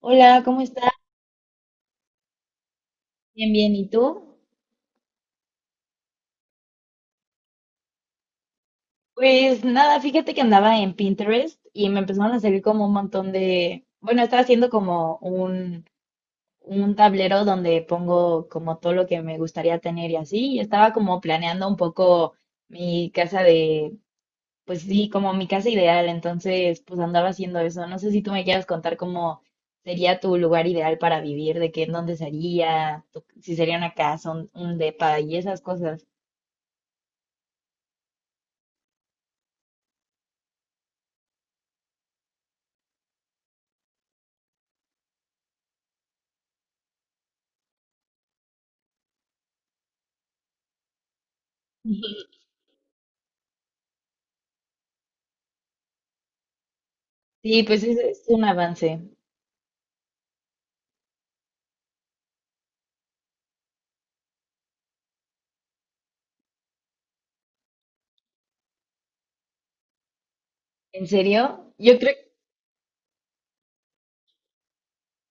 Hola, ¿cómo estás? Bien, bien, ¿y tú? Pues nada, fíjate que andaba en Pinterest y me empezaron a salir como un montón de, bueno, estaba haciendo como un tablero donde pongo como todo lo que me gustaría tener y así, y estaba como planeando un poco mi casa de, pues sí, como mi casa ideal, entonces pues andaba haciendo eso. No sé si tú me quieras contar cómo sería tu lugar ideal para vivir, de qué, en dónde sería, si sería una casa, un depa y esas cosas. Sí, pues es un avance. ¿En serio? Yo creo...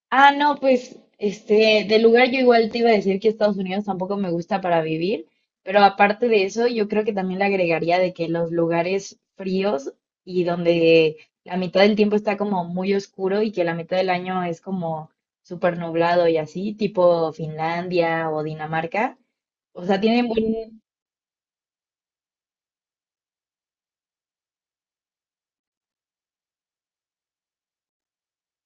Ah, no, pues, este, del lugar yo igual te iba a decir que Estados Unidos tampoco me gusta para vivir, pero aparte de eso, yo creo que también le agregaría de que los lugares fríos y donde la mitad del tiempo está como muy oscuro y que la mitad del año es como súper nublado y así, tipo Finlandia o Dinamarca, o sea, tienen buen.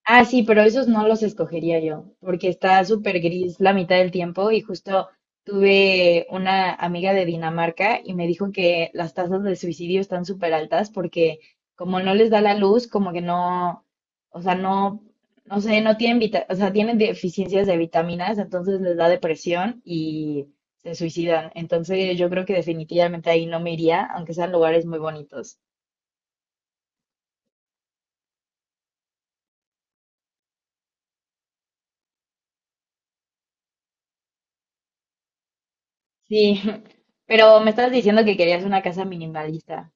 Ah, sí, pero esos no los escogería yo, porque está súper gris la mitad del tiempo y justo tuve una amiga de Dinamarca y me dijo que las tasas de suicidio están súper altas porque como no les da la luz, como que no, o sea, no, no sé, no tienen vita- o sea, tienen deficiencias de vitaminas, entonces les da depresión y se suicidan. Entonces yo creo que definitivamente ahí no me iría, aunque sean lugares muy bonitos. Sí, pero me estabas diciendo que querías una casa minimalista.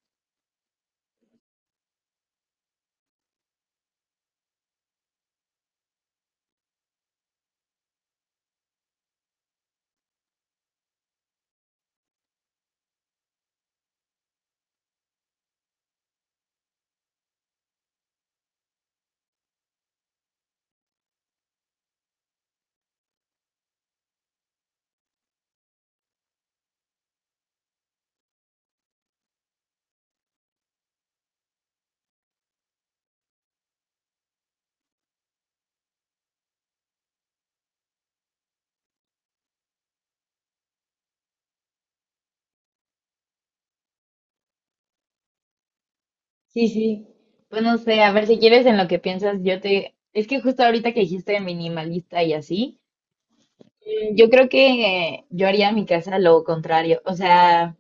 Sí, sí. Pues no sé, a ver si quieres en lo que piensas, yo te... Es que justo ahorita que dijiste minimalista y así, yo creo que yo haría en mi casa lo contrario. O sea,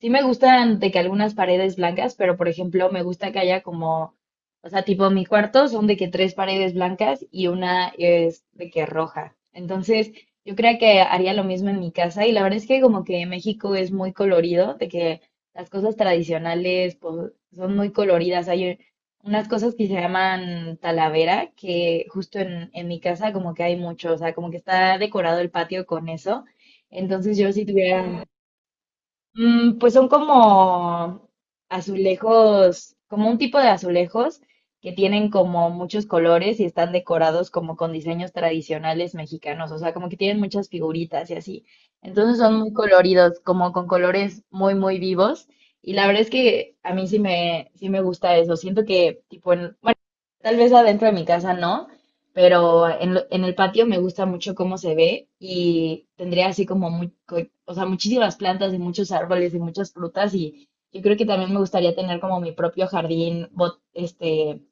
sí me gustan de que algunas paredes blancas, pero por ejemplo, me gusta que haya como, o sea, tipo mi cuarto son de que tres paredes blancas y una es de que roja. Entonces, yo creo que haría lo mismo en mi casa y la verdad es que como que México es muy colorido, de que las cosas tradicionales pues, son muy coloridas. Hay unas cosas que se llaman talavera, que justo en mi casa como que hay mucho, o sea, como que está decorado el patio con eso. Entonces yo si tuviera, mm, pues son como azulejos, como un tipo de azulejos que tienen como muchos colores y están decorados como con diseños tradicionales mexicanos, o sea, como que tienen muchas figuritas y así. Entonces son muy coloridos, como con colores muy, muy vivos. Y la verdad es que a mí sí me gusta eso. Siento que, tipo, bueno, tal vez adentro de mi casa no, pero en el patio me gusta mucho cómo se ve y tendría así como o sea, muchísimas plantas y muchos árboles y muchas frutas y yo creo que también me gustaría tener como mi propio jardín, este,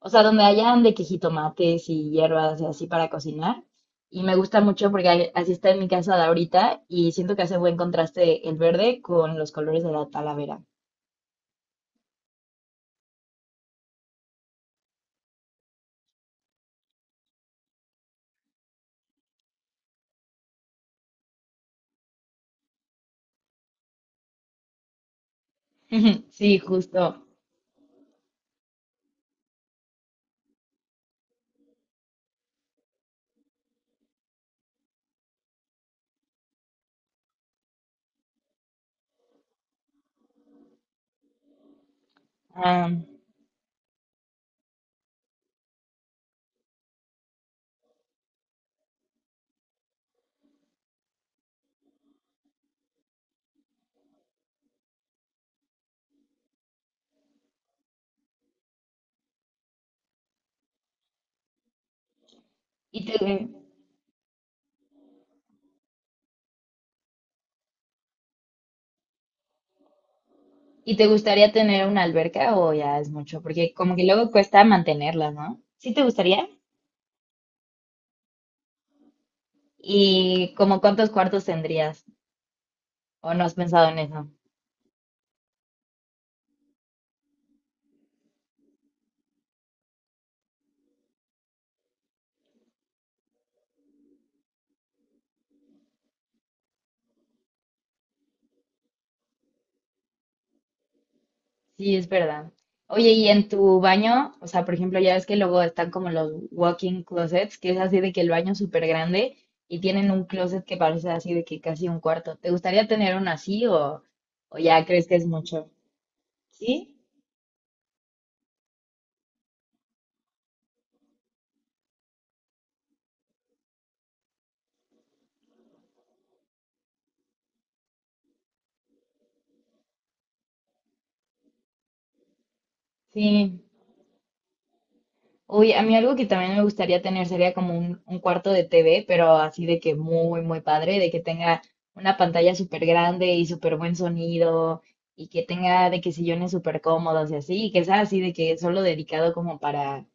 o sea, donde hayan de que jitomates y hierbas y así para cocinar. Y me gusta mucho porque así está en mi casa de ahorita y siento que hace buen contraste el verde con los colores de la talavera. Sí, justo. Ah, ¿y tú? ¿Y te gustaría tener una alberca o ya es mucho? Porque como que luego cuesta mantenerla, ¿no? ¿Sí te gustaría? ¿Y como cuántos cuartos tendrías? ¿O no has pensado en eso? Sí, es verdad. Oye, ¿y en tu baño? O sea, por ejemplo, ya ves que luego están como los walk-in closets, que es así de que el baño es súper grande y tienen un closet que parece así de que casi un cuarto. ¿Te gustaría tener uno así o ya crees que es mucho? Sí, sí. Uy, a mí algo que también me gustaría tener sería como un cuarto de TV, pero así de que muy, muy padre, de que tenga una pantalla súper grande y súper buen sonido y que tenga de que sillones súper cómodos y así, y que sea así de que solo dedicado como para,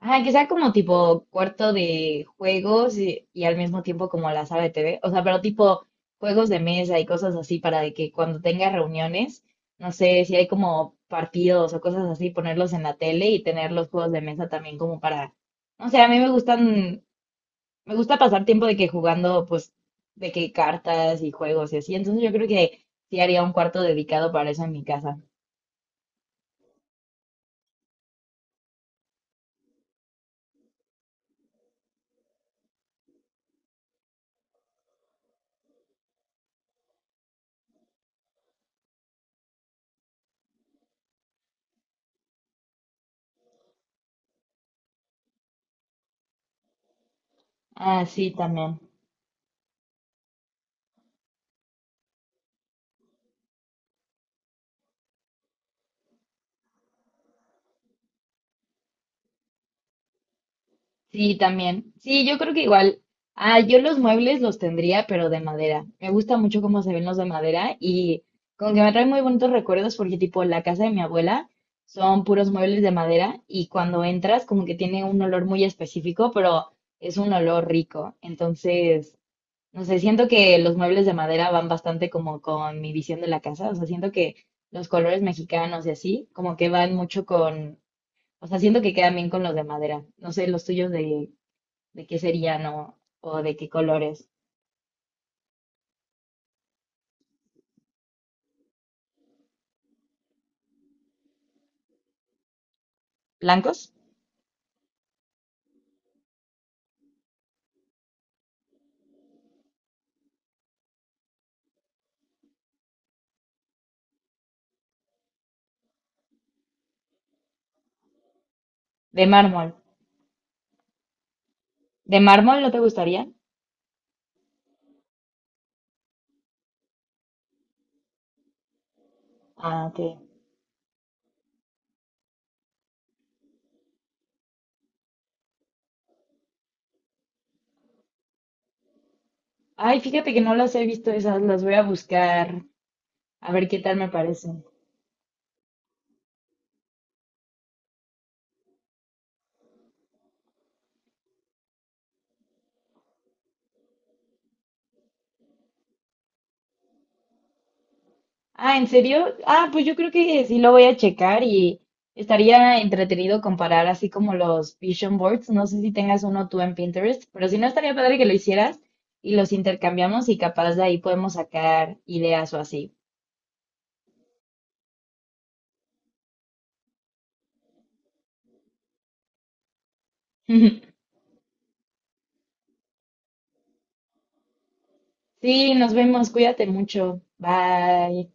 ajá, que sea como tipo cuarto de juegos y al mismo tiempo como la sala de TV. O sea, pero tipo juegos de mesa y cosas así para de que cuando tenga reuniones, no sé, si hay como partidos o cosas así, ponerlos en la tele y tener los juegos de mesa también como para, no sé, a mí me gustan, me gusta pasar tiempo de que jugando pues de que cartas y juegos y así. Entonces yo creo que sí haría un cuarto dedicado para eso en mi casa. Ah, sí, también. Sí, también. Sí, yo creo que igual. Ah, yo los muebles los tendría, pero de madera. Me gusta mucho cómo se ven los de madera y como que me trae muy bonitos recuerdos porque tipo la casa de mi abuela son puros muebles de madera y cuando entras como que tiene un olor muy específico, pero es un olor rico. Entonces, no sé, siento que los muebles de madera van bastante como con mi visión de la casa. O sea, siento que los colores mexicanos y así, como que van mucho con, o sea, siento que quedan bien con los de madera. No sé, los tuyos de ¿de qué serían o de qué colores? ¿Blancos? De mármol. ¿De mármol no te gustarían? Ah, ok. Ay, fíjate que no las he visto esas, las voy a buscar a ver qué tal me parecen. Ah, ¿en serio? Ah, pues yo creo que sí lo voy a checar y estaría entretenido comparar así como los vision boards. No sé si tengas uno tú en Pinterest, pero si no estaría padre que lo hicieras y los intercambiamos y capaz de ahí podemos sacar ideas o así. Sí, nos vemos, cuídate mucho. Bye.